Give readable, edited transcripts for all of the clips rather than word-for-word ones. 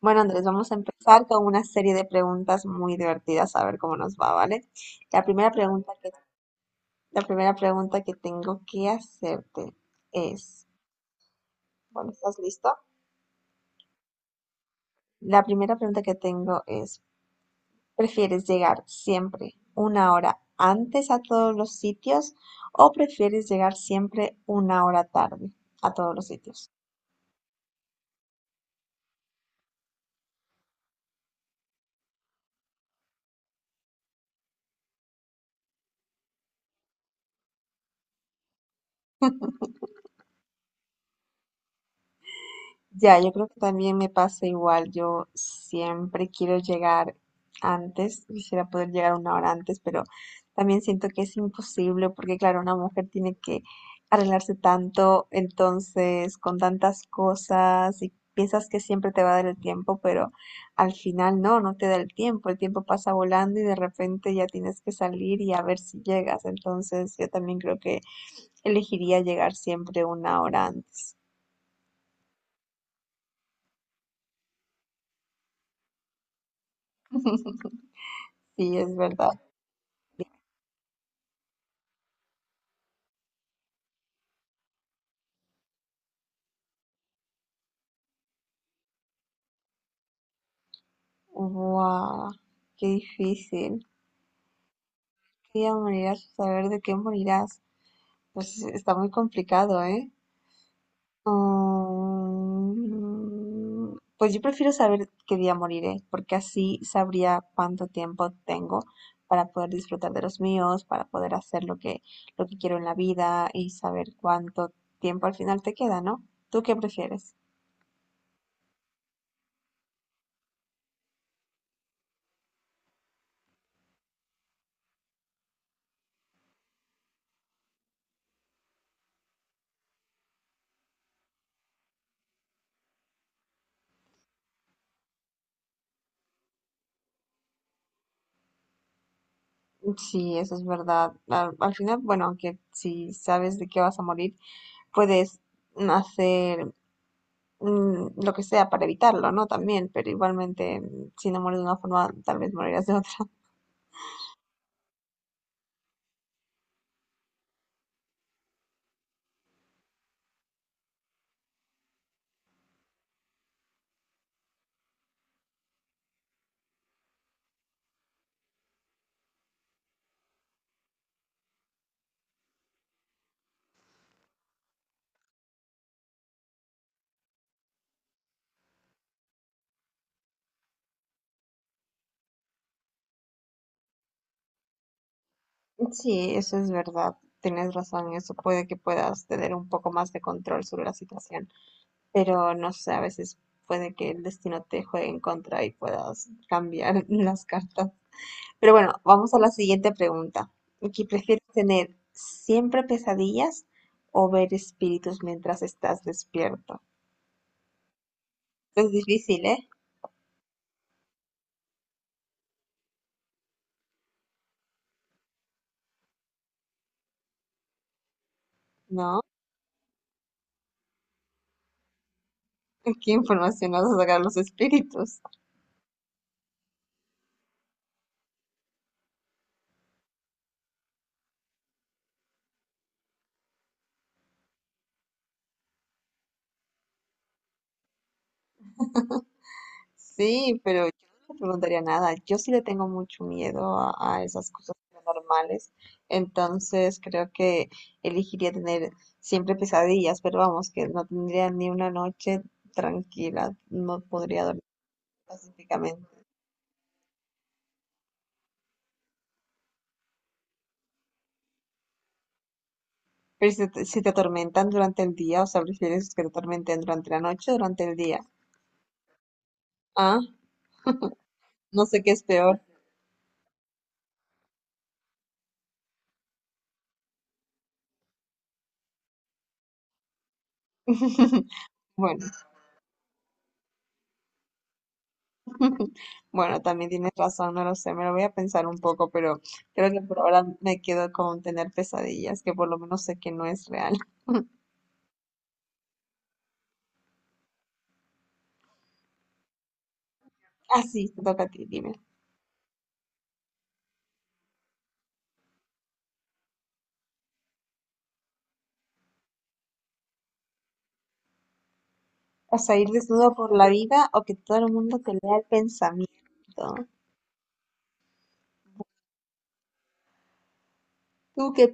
Bueno, Andrés, vamos a empezar con una serie de preguntas muy divertidas, a ver cómo nos va, ¿vale? La primera pregunta que, la primera pregunta que tengo que hacerte es, bueno, ¿estás listo? La primera pregunta que tengo es, ¿prefieres llegar siempre una hora antes a todos los sitios o prefieres llegar siempre una hora tarde a todos los sitios? Ya, yo creo que también me pasa igual. Yo siempre quiero llegar antes, quisiera poder llegar una hora antes, pero también siento que es imposible porque, claro, una mujer tiene que arreglarse tanto, entonces, con tantas cosas y piensas que siempre te va a dar el tiempo, pero al final no, no te da el tiempo. El tiempo pasa volando y de repente ya tienes que salir y a ver si llegas. Entonces, yo también creo que elegiría llegar siempre una hora antes. Sí, es verdad. Wow, qué difícil. ¿Qué día morirás por saber de qué morirás? Pues está muy complicado, ¿eh? Pues yo prefiero saber qué día moriré, porque así sabría cuánto tiempo tengo para poder disfrutar de los míos, para poder hacer lo que quiero en la vida y saber cuánto tiempo al final te queda, ¿no? ¿Tú qué prefieres? Sí, eso es verdad. Al, al final, bueno, aunque si sabes de qué vas a morir, puedes hacer lo que sea para evitarlo, ¿no? También, pero igualmente, si no mueres de una forma, tal vez morirás de otra. Sí, eso es verdad. Tienes razón, eso puede que puedas tener un poco más de control sobre la situación, pero no sé, a veces puede que el destino te juegue en contra y puedas cambiar las cartas. Pero bueno, vamos a la siguiente pregunta. Aquí, ¿prefieres tener siempre pesadillas o ver espíritus mientras estás despierto? Es difícil, ¿eh? ¿No? ¿Qué información vas a sacar los espíritus? Sí, pero yo no le preguntaría nada. Yo sí le tengo mucho miedo a esas cosas paranormales. Entonces creo que elegiría tener siempre pesadillas, pero vamos, que no tendría ni una noche tranquila. No podría dormir pacíficamente. Pero si te, si te atormentan durante el día, o sea, prefieres que te atormenten durante la noche o durante el día. Ah, no sé qué es peor. Bueno, bueno, también tienes razón, no lo sé, me lo voy a pensar un poco, pero creo que por ahora me quedo con tener pesadillas, que por lo menos sé que no es real. Así, te toca a ti, dime. ¿Vas a ir desnudo por la vida o que todo el mundo te lea el pensamiento? ¿Tú qué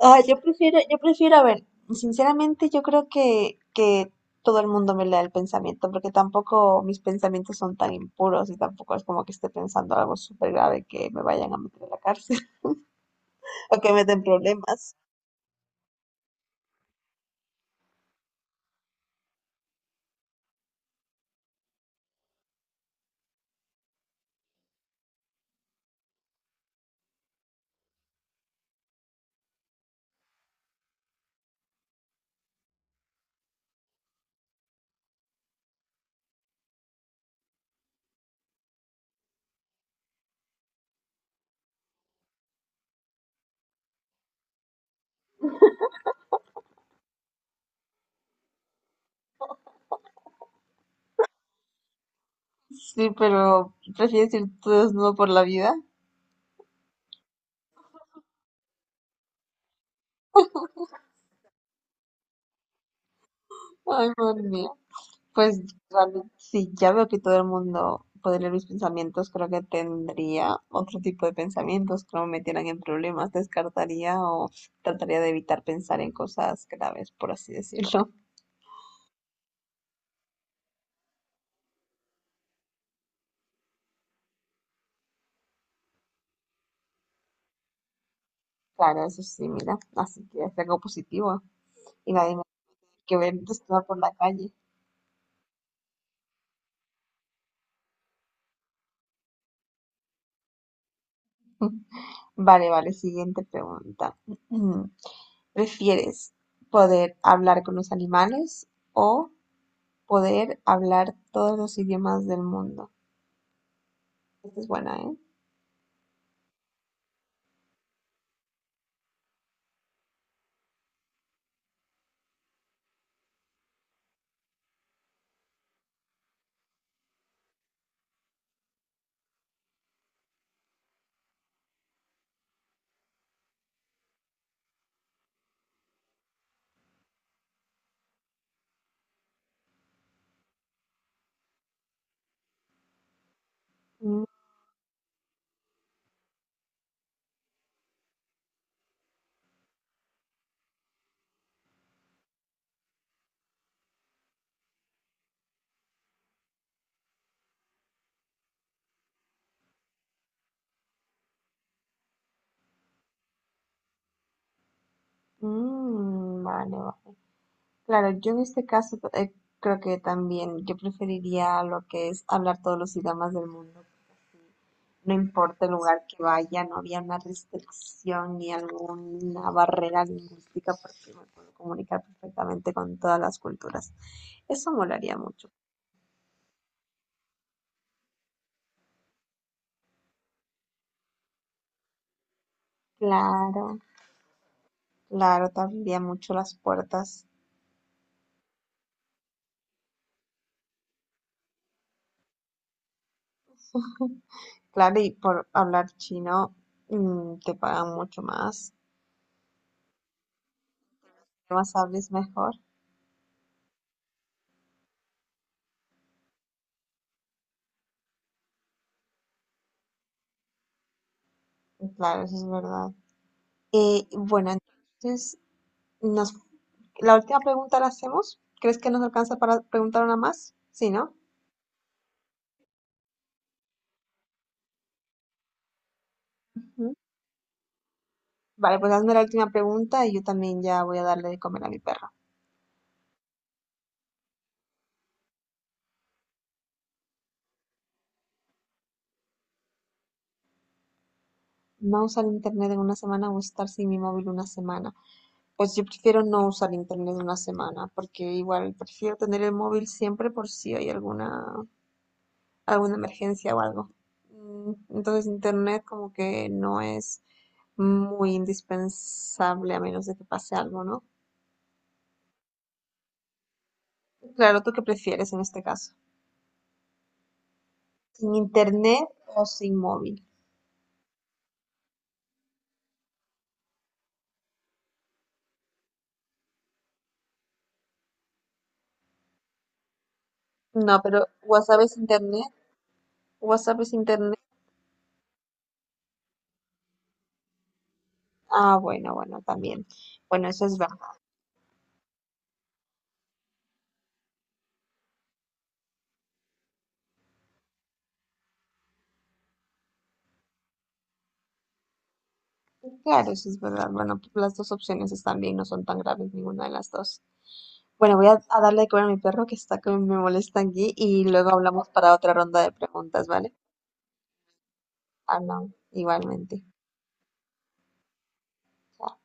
Ah, yo prefiero, a ver, sinceramente yo creo que todo el mundo me lea el pensamiento, porque tampoco mis pensamientos son tan impuros y tampoco es como que esté pensando algo súper grave que me vayan a meter a la cárcel o que me den problemas. Sí, pero prefieres ir tú desnudo por la vida. Ay, madre mía. Pues realmente, si ya veo que todo el mundo puede leer mis pensamientos, creo que tendría otro tipo de pensamientos que no me metieran en problemas. Descartaría o trataría de evitar pensar en cosas graves, por así decirlo. Claro, eso sí, mira. Así que es algo positivo. Y nadie me tiene que ver desnuda por la calle. Vale, vale, siguiente pregunta. ¿Prefieres poder hablar con los animales o poder hablar todos los idiomas del mundo? Esta es buena, ¿eh? Mm, vale, vale. Claro, yo en este caso creo que también yo preferiría lo que es hablar todos los idiomas del mundo, porque así no importa el lugar que vaya, no había una restricción ni alguna barrera lingüística porque me puedo comunicar perfectamente con todas las culturas. Eso molaría mucho. Claro, claro, te abriría mucho las puertas. Claro, y por hablar chino, te pagan mucho más. Más hables mejor. Claro, eso es verdad. Bueno, entonces, nos, la última pregunta la hacemos. ¿Crees que nos alcanza para preguntar una más? Sí, ¿no? Ujú. Vale, pues hazme la última pregunta y yo también ya voy a darle de comer a mi perro. ¿No usar internet en una semana o estar sin mi móvil una semana? Pues yo prefiero no usar internet una semana, porque igual prefiero tener el móvil siempre por si hay alguna alguna emergencia o algo. Entonces internet como que no es muy indispensable a menos de que pase algo, ¿no? Claro, ¿tú qué prefieres en este caso? ¿Sin internet o sin móvil? No, pero WhatsApp es internet. WhatsApp es internet. Ah, bueno, bueno, también. Bueno, eso es verdad. Claro, eso es verdad. Bueno, las dos opciones están bien, no son tan graves ninguna de las dos. Bueno, voy a darle de comer a mi perro que está que me molesta aquí y luego hablamos para otra ronda de preguntas, ¿vale? Ah, no, igualmente. Chao.